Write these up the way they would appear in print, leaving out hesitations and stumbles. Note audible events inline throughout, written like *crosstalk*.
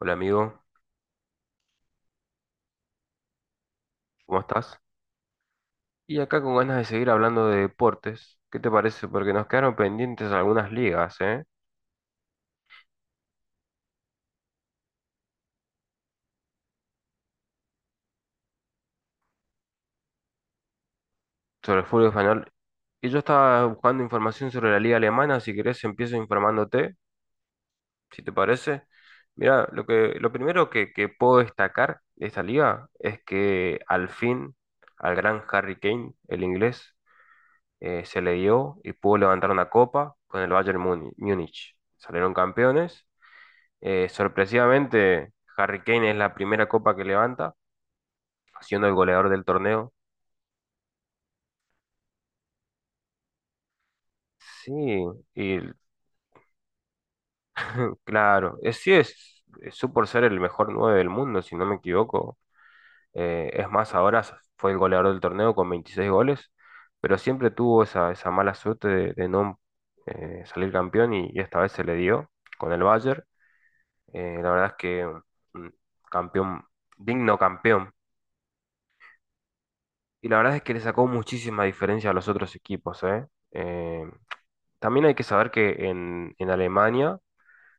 Hola amigo, ¿cómo estás? Y acá con ganas de seguir hablando de deportes, ¿qué te parece? Porque nos quedaron pendientes algunas ligas, ¿eh? Sobre el fútbol español. Y yo estaba buscando información sobre la liga alemana, si querés empiezo informándote, si te parece. Mira, lo primero que puedo destacar de esta liga es que al fin al gran Harry Kane, el inglés, se le dio y pudo levantar una copa con el Múnich. Salieron campeones. Sorpresivamente, Harry Kane es la primera copa que levanta, siendo el goleador del torneo. Sí, y claro, es, su por ser el mejor 9 del mundo, si no me equivoco. Es más, ahora fue el goleador del torneo con 26 goles, pero siempre tuvo esa mala suerte de no salir campeón y esta vez se le dio con el Bayern. La verdad es que un campeón, digno campeón. Y la verdad es que le sacó muchísima diferencia a los otros equipos, ¿eh? Eh, También hay que saber que en Alemania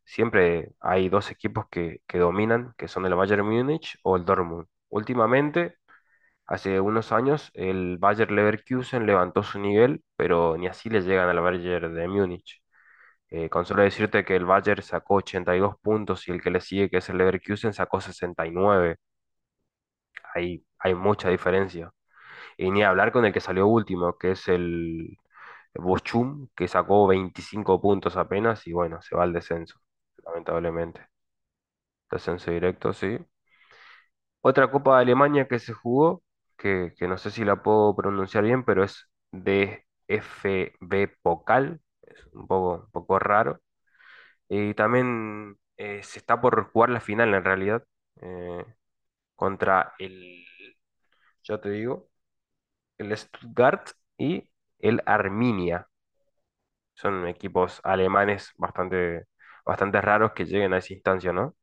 siempre hay dos equipos que dominan, que son el Bayern Múnich o el Dortmund. Últimamente, hace unos años, el Bayer Leverkusen levantó su nivel, pero ni así le llegan al Bayern de Múnich. Con solo decirte que el Bayern sacó 82 puntos y el que le sigue, que es el Leverkusen, sacó 69. Ahí hay mucha diferencia. Y ni hablar con el que salió último, que es el Bochum, que sacó 25 puntos apenas y bueno, se va al descenso, lamentablemente. Descenso directo, sí. Otra Copa de Alemania que se jugó, que no sé si la puedo pronunciar bien, pero es DFB Pokal, es un poco raro. Y también se está por jugar la final en realidad, eh, contra el, yo te digo, el Stuttgart y el Arminia. Son equipos alemanes bastante, bastante raros que lleguen a esa instancia, ¿no?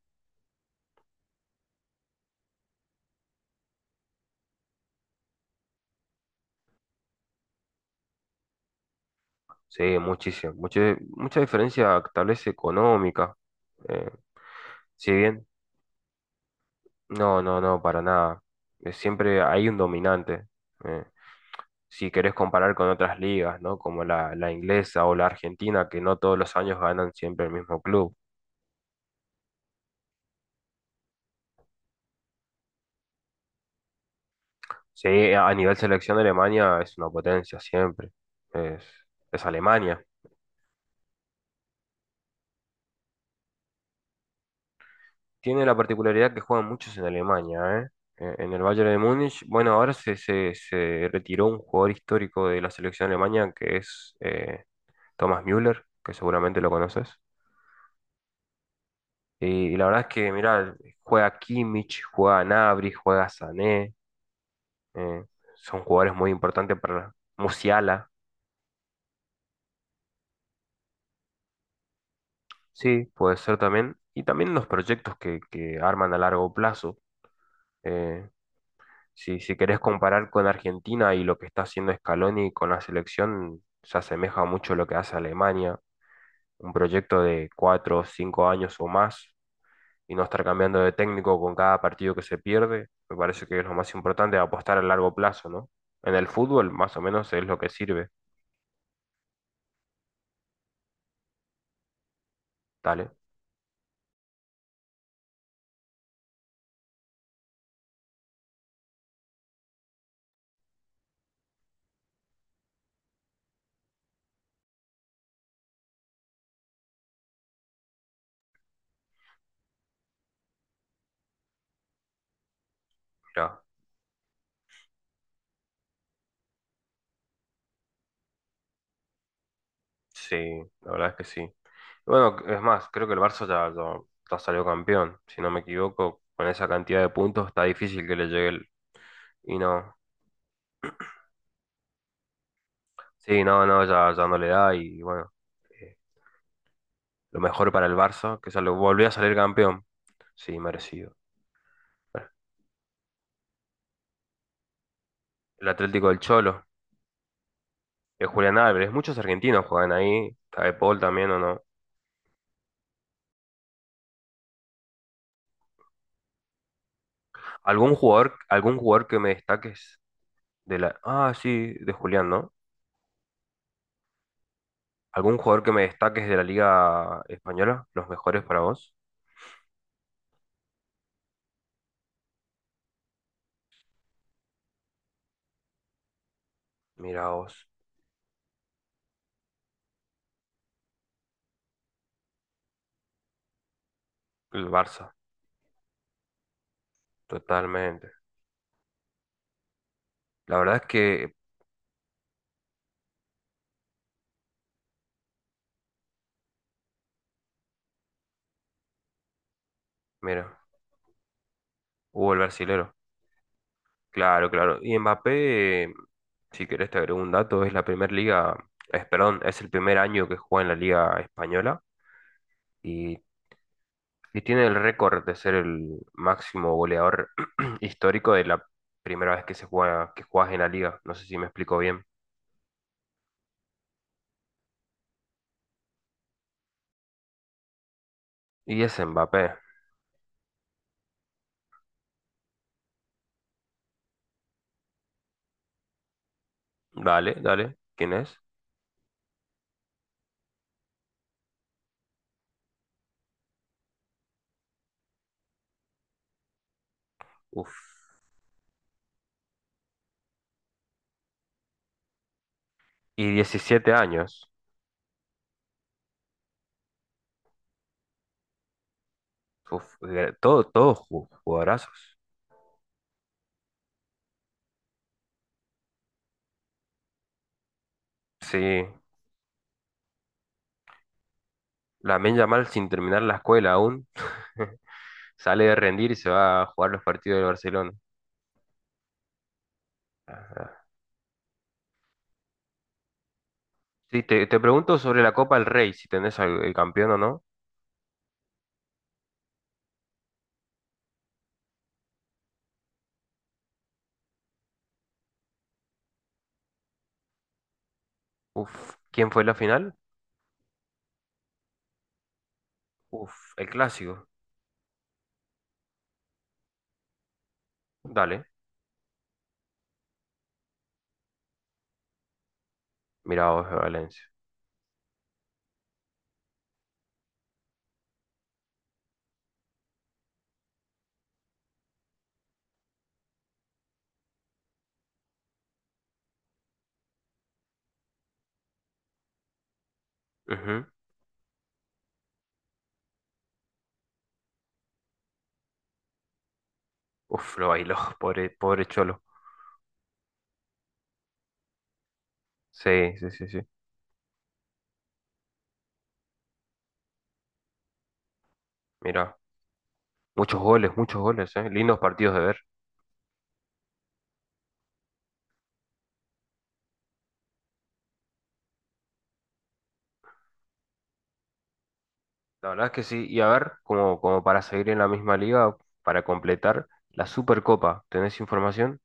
Sí, muchísimo. Mucha, mucha diferencia tal vez económica. Eh, si bien, no, no, no, para nada. Siempre hay un dominante. Eh, si querés comparar con otras ligas, ¿no? Como la inglesa o la argentina, que no todos los años ganan siempre el mismo club. Sí, a nivel selección de Alemania es una potencia siempre. Es, es Alemania. Tiene la particularidad que juegan muchos en Alemania, ¿eh? En el Bayern de Múnich. Bueno, ahora se retiró un jugador histórico de la selección alemana que es Thomas Müller, que seguramente lo conoces. Y la verdad es que, mirá, juega Kimmich, juega Gnabry, juega Sané. eh, Son jugadores muy importantes para Musiala. Sí, puede ser también. Y también los proyectos que arman a largo plazo. eh, Si, si querés comparar con Argentina y lo que está haciendo Scaloni con la selección, se asemeja mucho a lo que hace Alemania, un proyecto de cuatro o cinco años o más y no estar cambiando de técnico con cada partido que se pierde, me parece que es lo más importante, apostar a largo plazo, ¿no? En el fútbol más o menos es lo que sirve, dale, mira sí, la verdad es que sí. Bueno, es más, creo que el Barça ya salió campeón, si no me equivoco, con esa cantidad de puntos está difícil que le llegue el... Y no, sí, no, no, ya, ya no le da y bueno, eh, lo mejor para el Barça, que salió, volvió a salir campeón. Sí, merecido. Bueno, el Atlético del Cholo, el Julián Álvarez, muchos argentinos juegan ahí, está de Paul también o no. Algún jugador que me destaques de la... Ah, sí, de Julián, ¿no? ¿Algún jugador que me destaques de la Liga Española? ¿Los mejores para vos? Mira vos, el Barça, totalmente. La verdad es que, mira, hubo el brasilero. Claro, claro. Y Mbappé, si querés te agrego un dato, es la primera liga, es, perdón, es el primer año que juega en la liga española y, y tiene el récord de ser el máximo goleador *clears throat* histórico de la primera vez que se juega, que juegas en la liga. No sé si me explico bien. Y es Mbappé. Dale, dale. ¿Quién es? Uf. Y 17 años. Todo, jugadorazos. Sí. Lamine Yamal sin terminar la escuela aún. *laughs* Sale de rendir y se va a jugar los partidos del Barcelona. Ajá. Sí, te pregunto sobre la Copa del Rey, si tenés al el campeón o no. Uf, ¿quién fue la final? Uf, el clásico. Dale, mirá vos, de Valencia. Ujú. Uf, lo bailó, *laughs* pobre, pobre Cholo. Sí, sí, sí, sí. Mirá, muchos goles, eh. Lindos partidos de ver. La verdad es que sí. Y a ver, como, como para seguir en la misma liga, para completar la Supercopa. ¿Tenés información?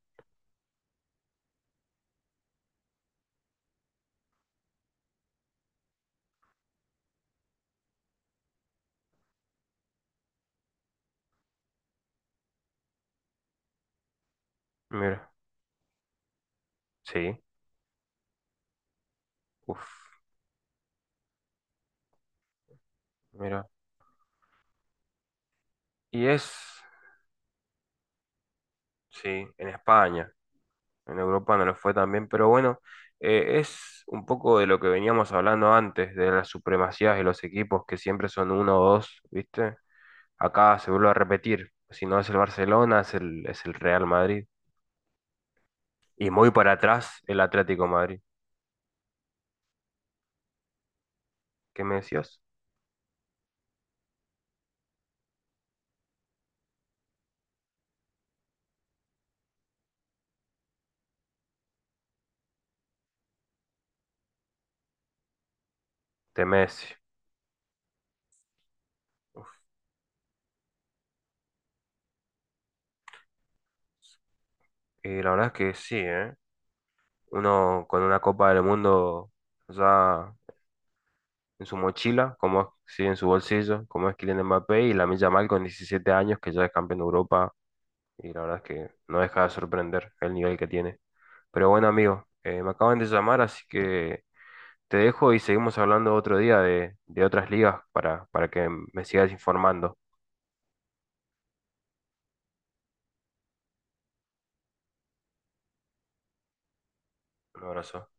Mira, sí. Uf, mira. Y es. Sí, en España, en Europa no lo fue tan bien, pero bueno, es un poco de lo que veníamos hablando antes, de las supremacías de los equipos que siempre son uno o dos, ¿viste? Acá se vuelve a repetir, si no es el Barcelona, es el Real Madrid. Y muy para atrás, el Atlético Madrid. ¿Qué me decías? De Messi. Y la verdad es que sí, ¿eh? Uno con una Copa del Mundo ya en su mochila, como es, sí, en su bolsillo, como es Kylian Mbappé, y Lamine Yamal con 17 años, que ya es campeón de Europa y la verdad es que no deja de sorprender el nivel que tiene. Pero bueno, amigo, me acaban de llamar, así que te dejo y seguimos hablando otro día de otras ligas para que me sigas informando. Un abrazo.